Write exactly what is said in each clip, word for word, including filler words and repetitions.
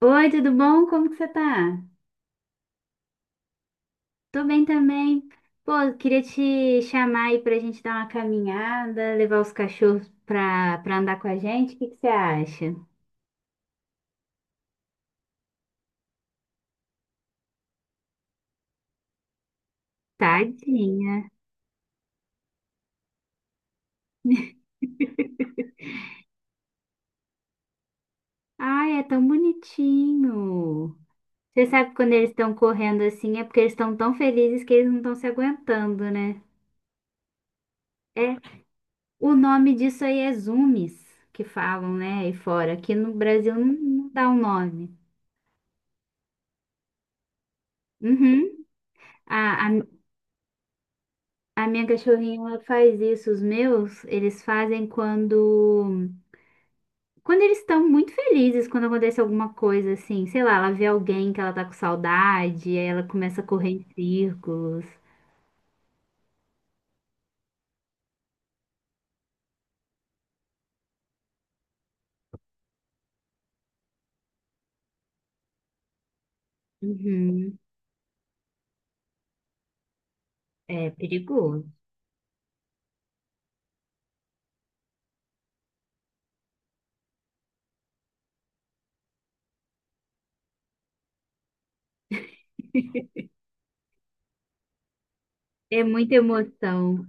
Oi, tudo bom? Como que você tá? Tô bem também. Pô, eu queria te chamar aí pra gente dar uma caminhada, levar os cachorros pra, pra andar com a gente. O que que você acha? Tadinha. Ai, é tão bonitinho. Você sabe que quando eles estão correndo assim é porque eles estão tão felizes que eles não estão se aguentando, né? É, o nome disso aí é zoomies, que falam, né, aí fora. Aqui no Brasil não, não dá um nome. Uhum. A, a A minha cachorrinha ela faz isso, os meus, eles fazem quando quando eles estão muito felizes, quando acontece alguma coisa assim, sei lá, ela vê alguém que ela tá com saudade, aí ela começa a correr em círculos. Uhum. É perigoso. É muita emoção.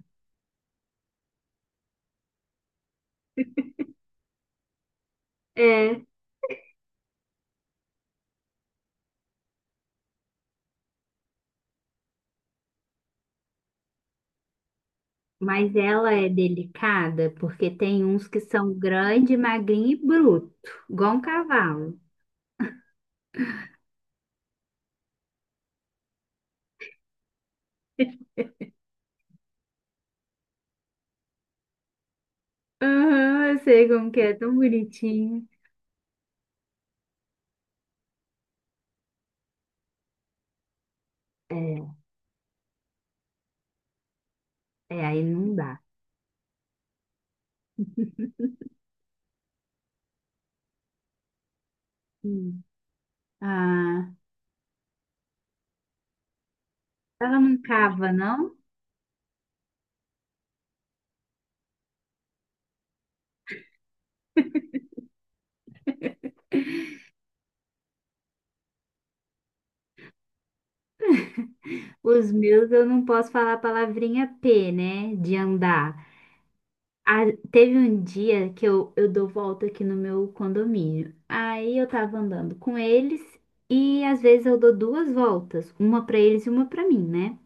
É, mas ela é delicada porque tem uns que são grande, magrinho e bruto, igual um cavalo. Aham, eu sei como que é, tão bonitinho. É, é, aí não dá. Ah, ela não cava, não? Os meus eu não posso falar a palavrinha P, né? De andar. Ah, teve um dia que eu, eu dou volta aqui no meu condomínio. Aí eu tava andando com eles e às vezes eu dou duas voltas, uma pra eles e uma pra mim, né?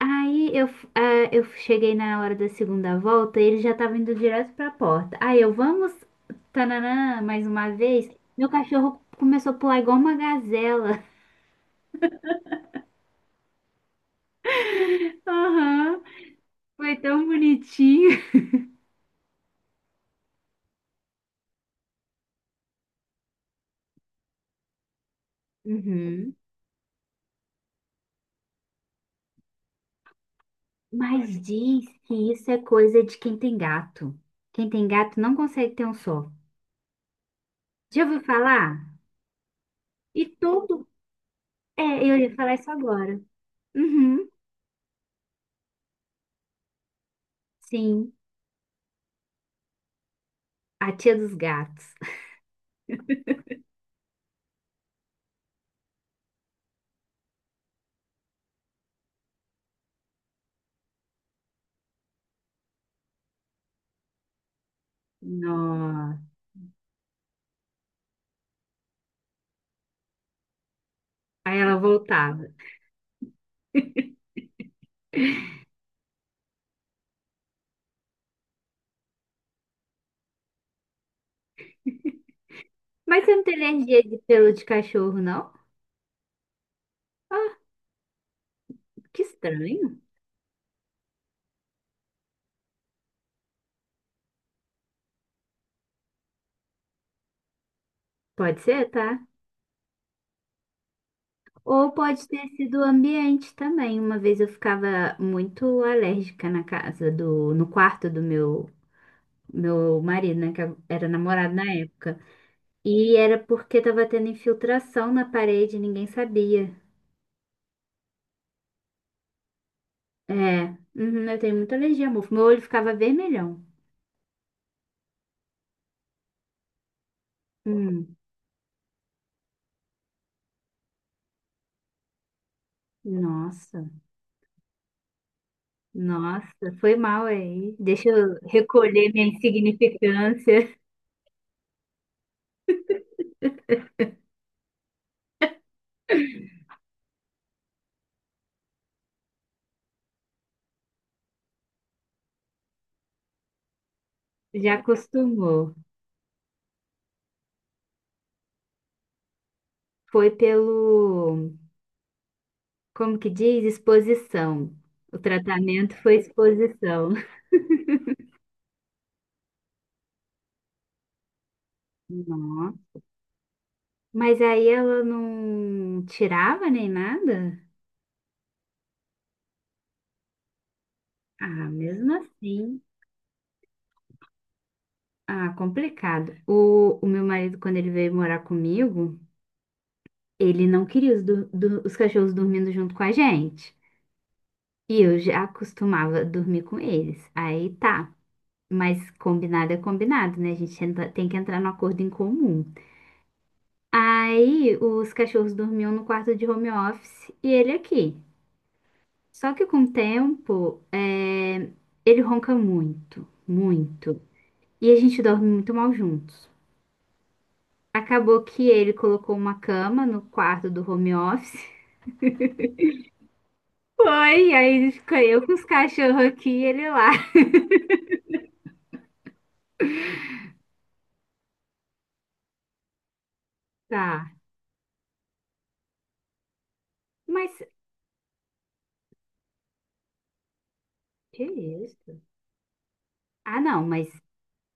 Aí eu, f- ah, Eu cheguei na hora da segunda volta e eles já estavam indo direto pra porta. Aí eu, vamos, tananã, mais uma vez. Meu cachorro começou a pular igual uma gazela. Aham. Foi tão bonitinho. Uhum. Mas diz que isso é coisa de quem tem gato. Quem tem gato não consegue ter um só. Já ouviu falar? E todo. É, eu ia falar isso agora. Uhum, sim, a tia dos gatos. Nossa. Aí ela voltava. Mas você não tem alergia de pelo de cachorro, não? Ah, que estranho. Pode ser, tá? Ou pode ter sido o ambiente também. Uma vez eu ficava muito alérgica na casa do, no quarto do meu meu marido, né, que era namorado na época. E era porque tava tendo infiltração na parede, e ninguém sabia. É, uhum, eu tenho muita alergia a mofo. Meu olho ficava vermelhão. Hum, nossa, nossa, foi mal aí. Deixa eu recolher minha insignificância. Já acostumou. Foi pelo, Como que diz? Exposição. O tratamento foi exposição. Nossa. Mas aí ela não tirava nem nada? Ah, mesmo assim. Ah, complicado. O, o meu marido, quando ele veio morar comigo, ele não queria os, do- do- os cachorros dormindo junto com a gente. E eu já costumava dormir com eles. Aí tá. Mas combinado é combinado, né? A gente entra- tem que entrar no acordo em comum. Aí os cachorros dormiam no quarto de home office e ele aqui. Só que com o tempo, é, ele ronca muito, muito. E a gente dorme muito mal juntos. Acabou que ele colocou uma cama no quarto do home office. Foi, e aí fica eu com os cachorros aqui e ele lá. Tá. Mas que isso? Ah, não, mas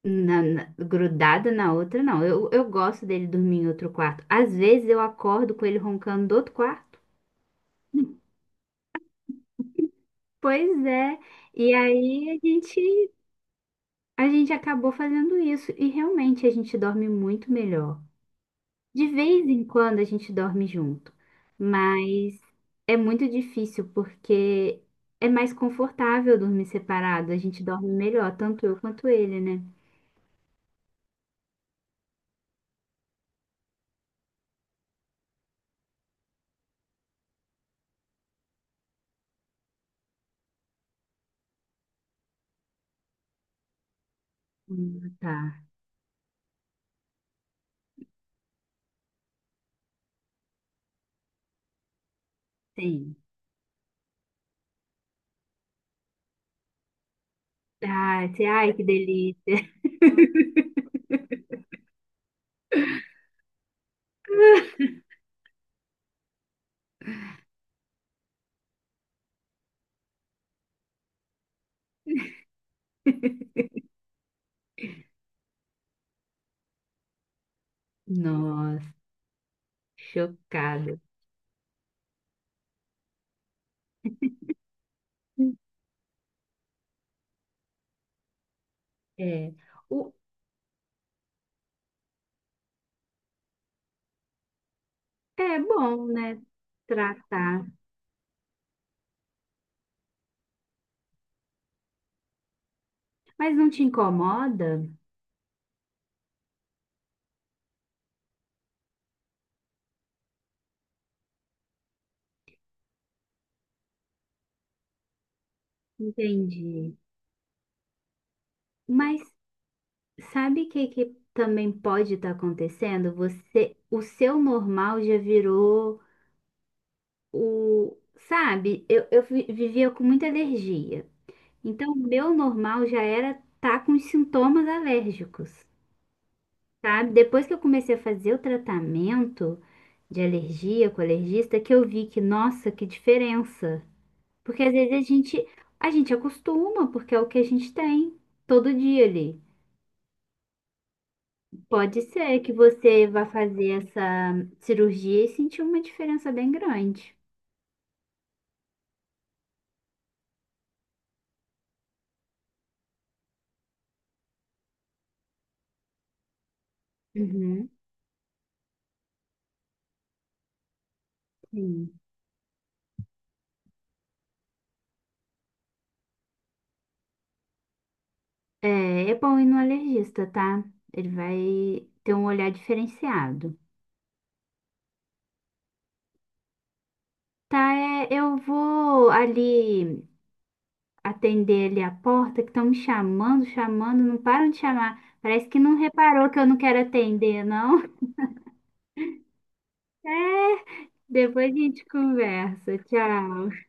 na, na- grudada na outra, não. Eu, eu gosto dele dormir em outro quarto. Às vezes eu acordo com ele roncando do outro quarto. Pois é. E aí a gente, a gente acabou fazendo isso. E realmente a gente dorme muito melhor. De vez em quando a gente dorme junto, mas é muito difícil porque é mais confortável dormir separado, a gente dorme melhor, tanto eu quanto ele, né? Hum, tá, sim. Ah, esse- ai, que delícia. Nossa, chocada. É, o, é bom, né? Tratar. Mas não te incomoda? Entendi. Mas sabe o que, que também pode estar acontecendo? Você, o seu normal já virou o, sabe? Eu, eu vi- vivia com muita alergia. Então, o meu normal já era tá com os sintomas alérgicos, sabe? Depois que eu comecei a fazer o tratamento de alergia com alergista, que eu vi que, nossa, que diferença. Porque às vezes a gente, a gente acostuma, porque é o que a gente tem todo dia ali. Pode ser que você vá fazer essa cirurgia e sentir uma diferença bem grande. Uhum, sim. É, é bom ir no alergista, tá? Ele vai ter um olhar diferenciado. Tá, é, eu vou ali atender ali a porta, que estão me chamando, chamando, não param de chamar. Parece que não reparou que eu não quero atender, não. É, depois a gente conversa. Tchau.